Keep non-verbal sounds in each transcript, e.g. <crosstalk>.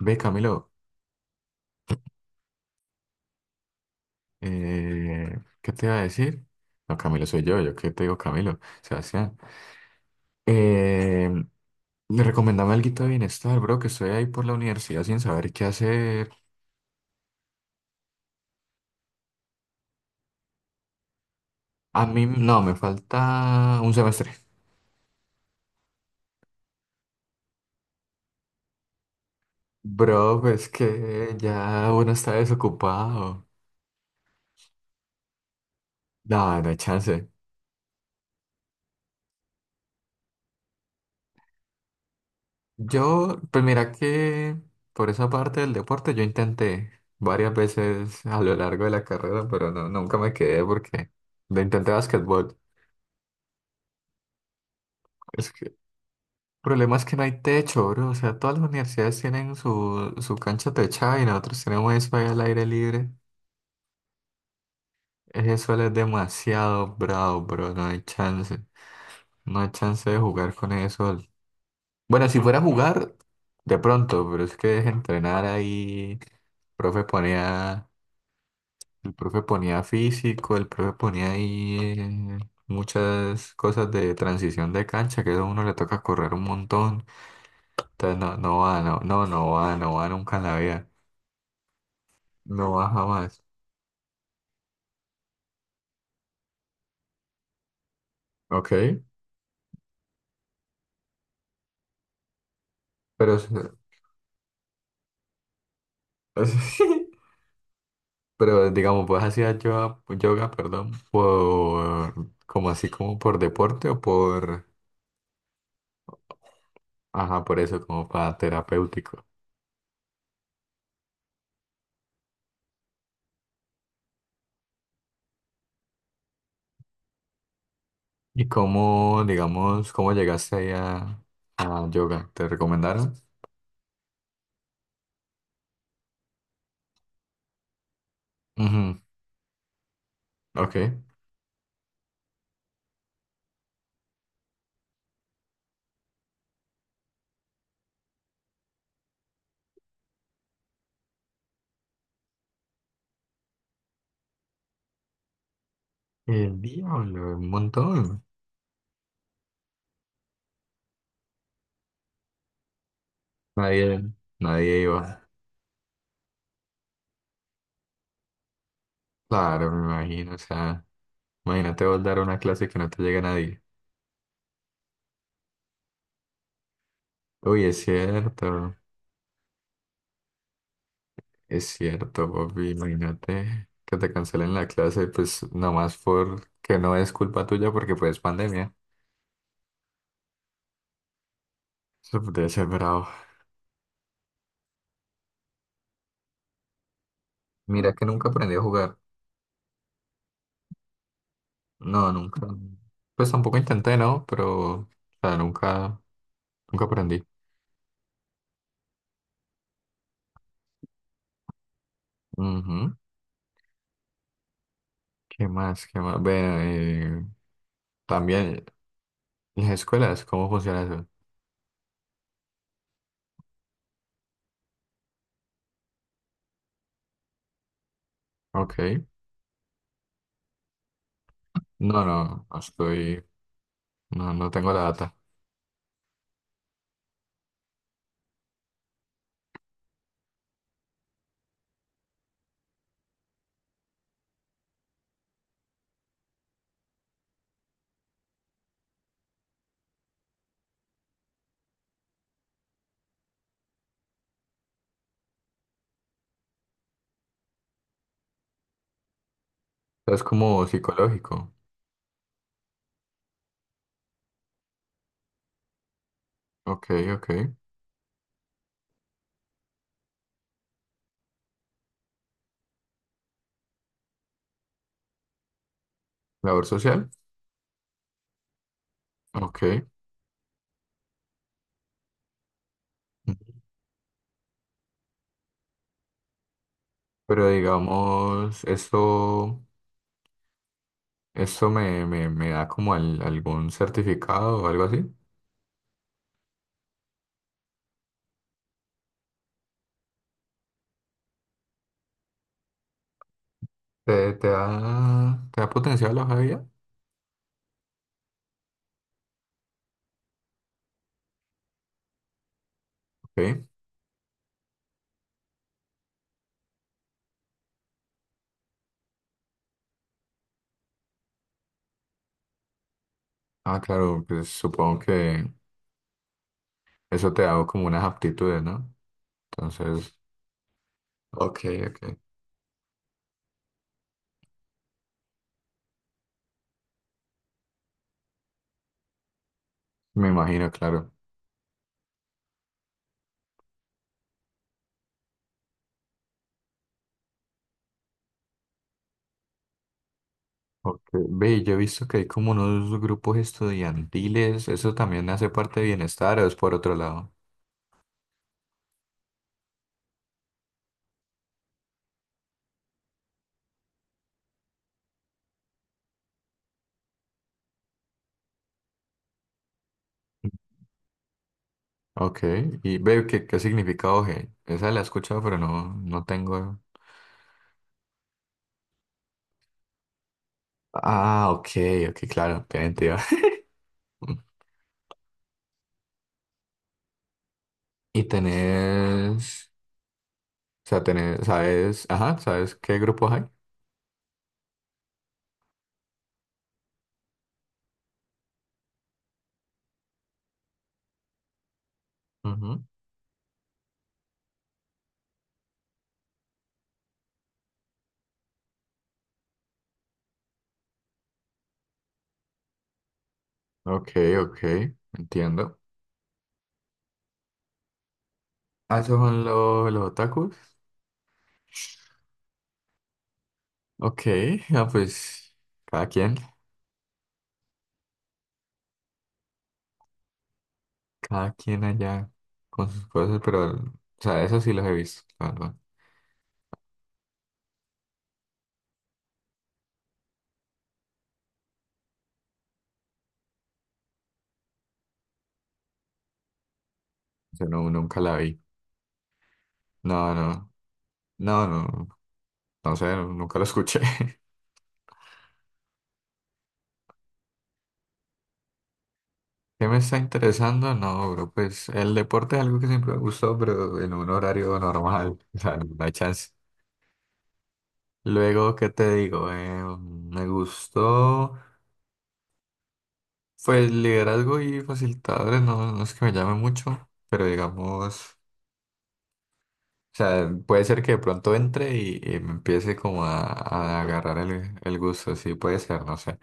Ve, Camilo, ¿qué te iba a decir? No, Camilo soy yo, qué te digo, Camilo, Sebastián. Eh, Le recomendame algo de bienestar, bro, que estoy ahí por la universidad sin saber qué hacer. A mí, no, me falta un semestre. Bro, pues que ya uno está desocupado. No, no hay chance. Yo, pues mira que por esa parte del deporte yo intenté varias veces a lo largo de la carrera, pero no, nunca me quedé porque lo intenté basquetbol. Es que el problema es que no hay techo, bro. O sea, todas las universidades tienen su cancha techada y nosotros tenemos eso ahí al aire libre. Ese sol es demasiado bravo, bro. No hay chance. No hay chance de jugar con ese sol. Bueno, si fuera a jugar, de pronto, pero es que es entrenar ahí. Profe ponía, el profe ponía físico, el profe ponía ahí muchas cosas de transición de cancha, que eso a uno le toca correr un montón. Entonces no, no va, no, no, no va, no va nunca en la vida. No va jamás. Ok, pero, es- es- <laughs> pero digamos, pues hacía yoga, perdón, como así como por deporte ajá, por eso, como para terapéutico. Y cómo, digamos, ¿cómo llegaste ahí a yoga? ¿Te recomendaron? Ujú. Ok. El diablo, un montón. Nadie, nadie iba. Claro, me imagino, o sea. Imagínate vos dar una clase que no te llega nadie. Uy, es cierto, Bobby. Imagínate que te cancelen la clase, pues nomás porque no es culpa tuya, porque pues pandemia. Eso debe ser bravo. Mira que nunca aprendí a jugar. No, nunca. Pues tampoco intenté, ¿no? Pero, o sea, nunca, nunca aprendí. Ujú. ¿Qué más? ¿Qué más? Bueno, también las escuelas, ¿cómo funciona eso? Ok. No estoy, no tengo la data. Sea, ¿es como psicológico? Ok, ok. Labor social. Ok. Pero digamos, esto me da como algún certificado o algo así. ¿Te, te da potencial la hoja de vida? Ok. Ah, claro, pues supongo que eso te da como unas aptitudes, ¿no? Entonces, ok, ok. Me imagino, claro. Ok. Ve, yo he visto que hay como unos grupos estudiantiles. ¿Eso también hace parte de bienestar o es por otro lado? Ok, y ve qué, qué significado G. Esa la he escuchado, pero no, no tengo. Ah, ok, ok, claro, qué mentira. <laughs> Y tenés, o sea, tenés, sabes, ajá, ¿sabes qué grupos hay? Ujú. Ok, ok, entiendo. Ah, esos son los otakus. Ok, ah, pues cada quien, cada quien allá con sus cosas, pero, o sea, eso sí los he visto, la verdad. Yo no, nunca la vi. No, no, no, no, no sé, nunca lo escuché. <laughs> ¿Qué me está interesando? No, bro, pues el deporte es algo que siempre me gustó, pero en un horario normal, <laughs> o sea, no hay chance. Luego, ¿qué te digo? Me gustó, pues liderazgo y facilitadores, no, no es que me llame mucho, pero digamos, o sea, puede ser que de pronto y me empiece como a agarrar el gusto, sí, puede ser, no sé.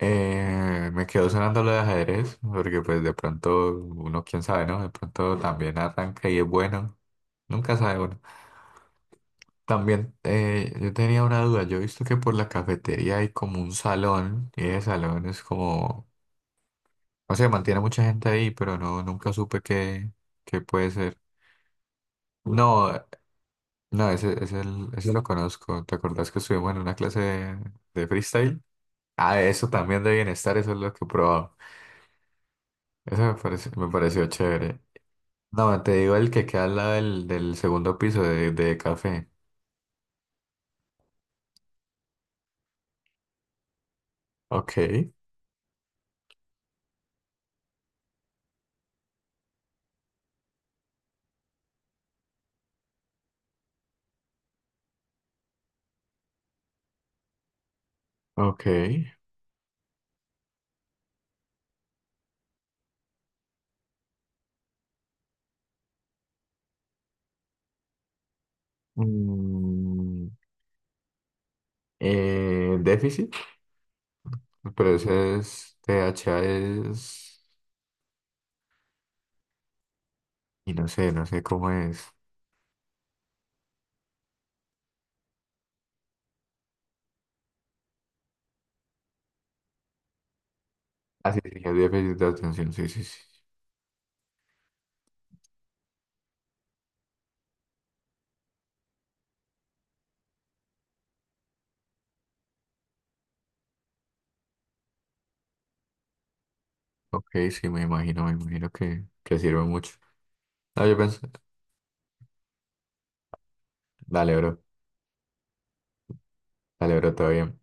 Me quedó sonando lo de ajedrez, porque pues de pronto uno, quién sabe, ¿no? De pronto también arranca y es bueno. Nunca sabe uno. También yo tenía una duda. Yo he visto que por la cafetería hay como un salón y ese salón es como, o sea, mantiene mucha gente ahí, pero no, nunca supe qué, qué puede ser. No, no, ese, ese lo conozco. ¿Te acordás que estuvimos en una clase de freestyle? Ah, eso también de bienestar, eso es lo que he probado. Eso me pareció chévere. No, te digo el que queda al lado del segundo piso de café. Ok, ok. Mm, déficit, pero ese es THA es... Y no sé, no sé cómo es. Ah, sí, sí, es déficit de atención, sí, sí, sí. Ok, sí, me imagino que sirve mucho. No, yo pensé, dale, bro, dale, bro, todo bien.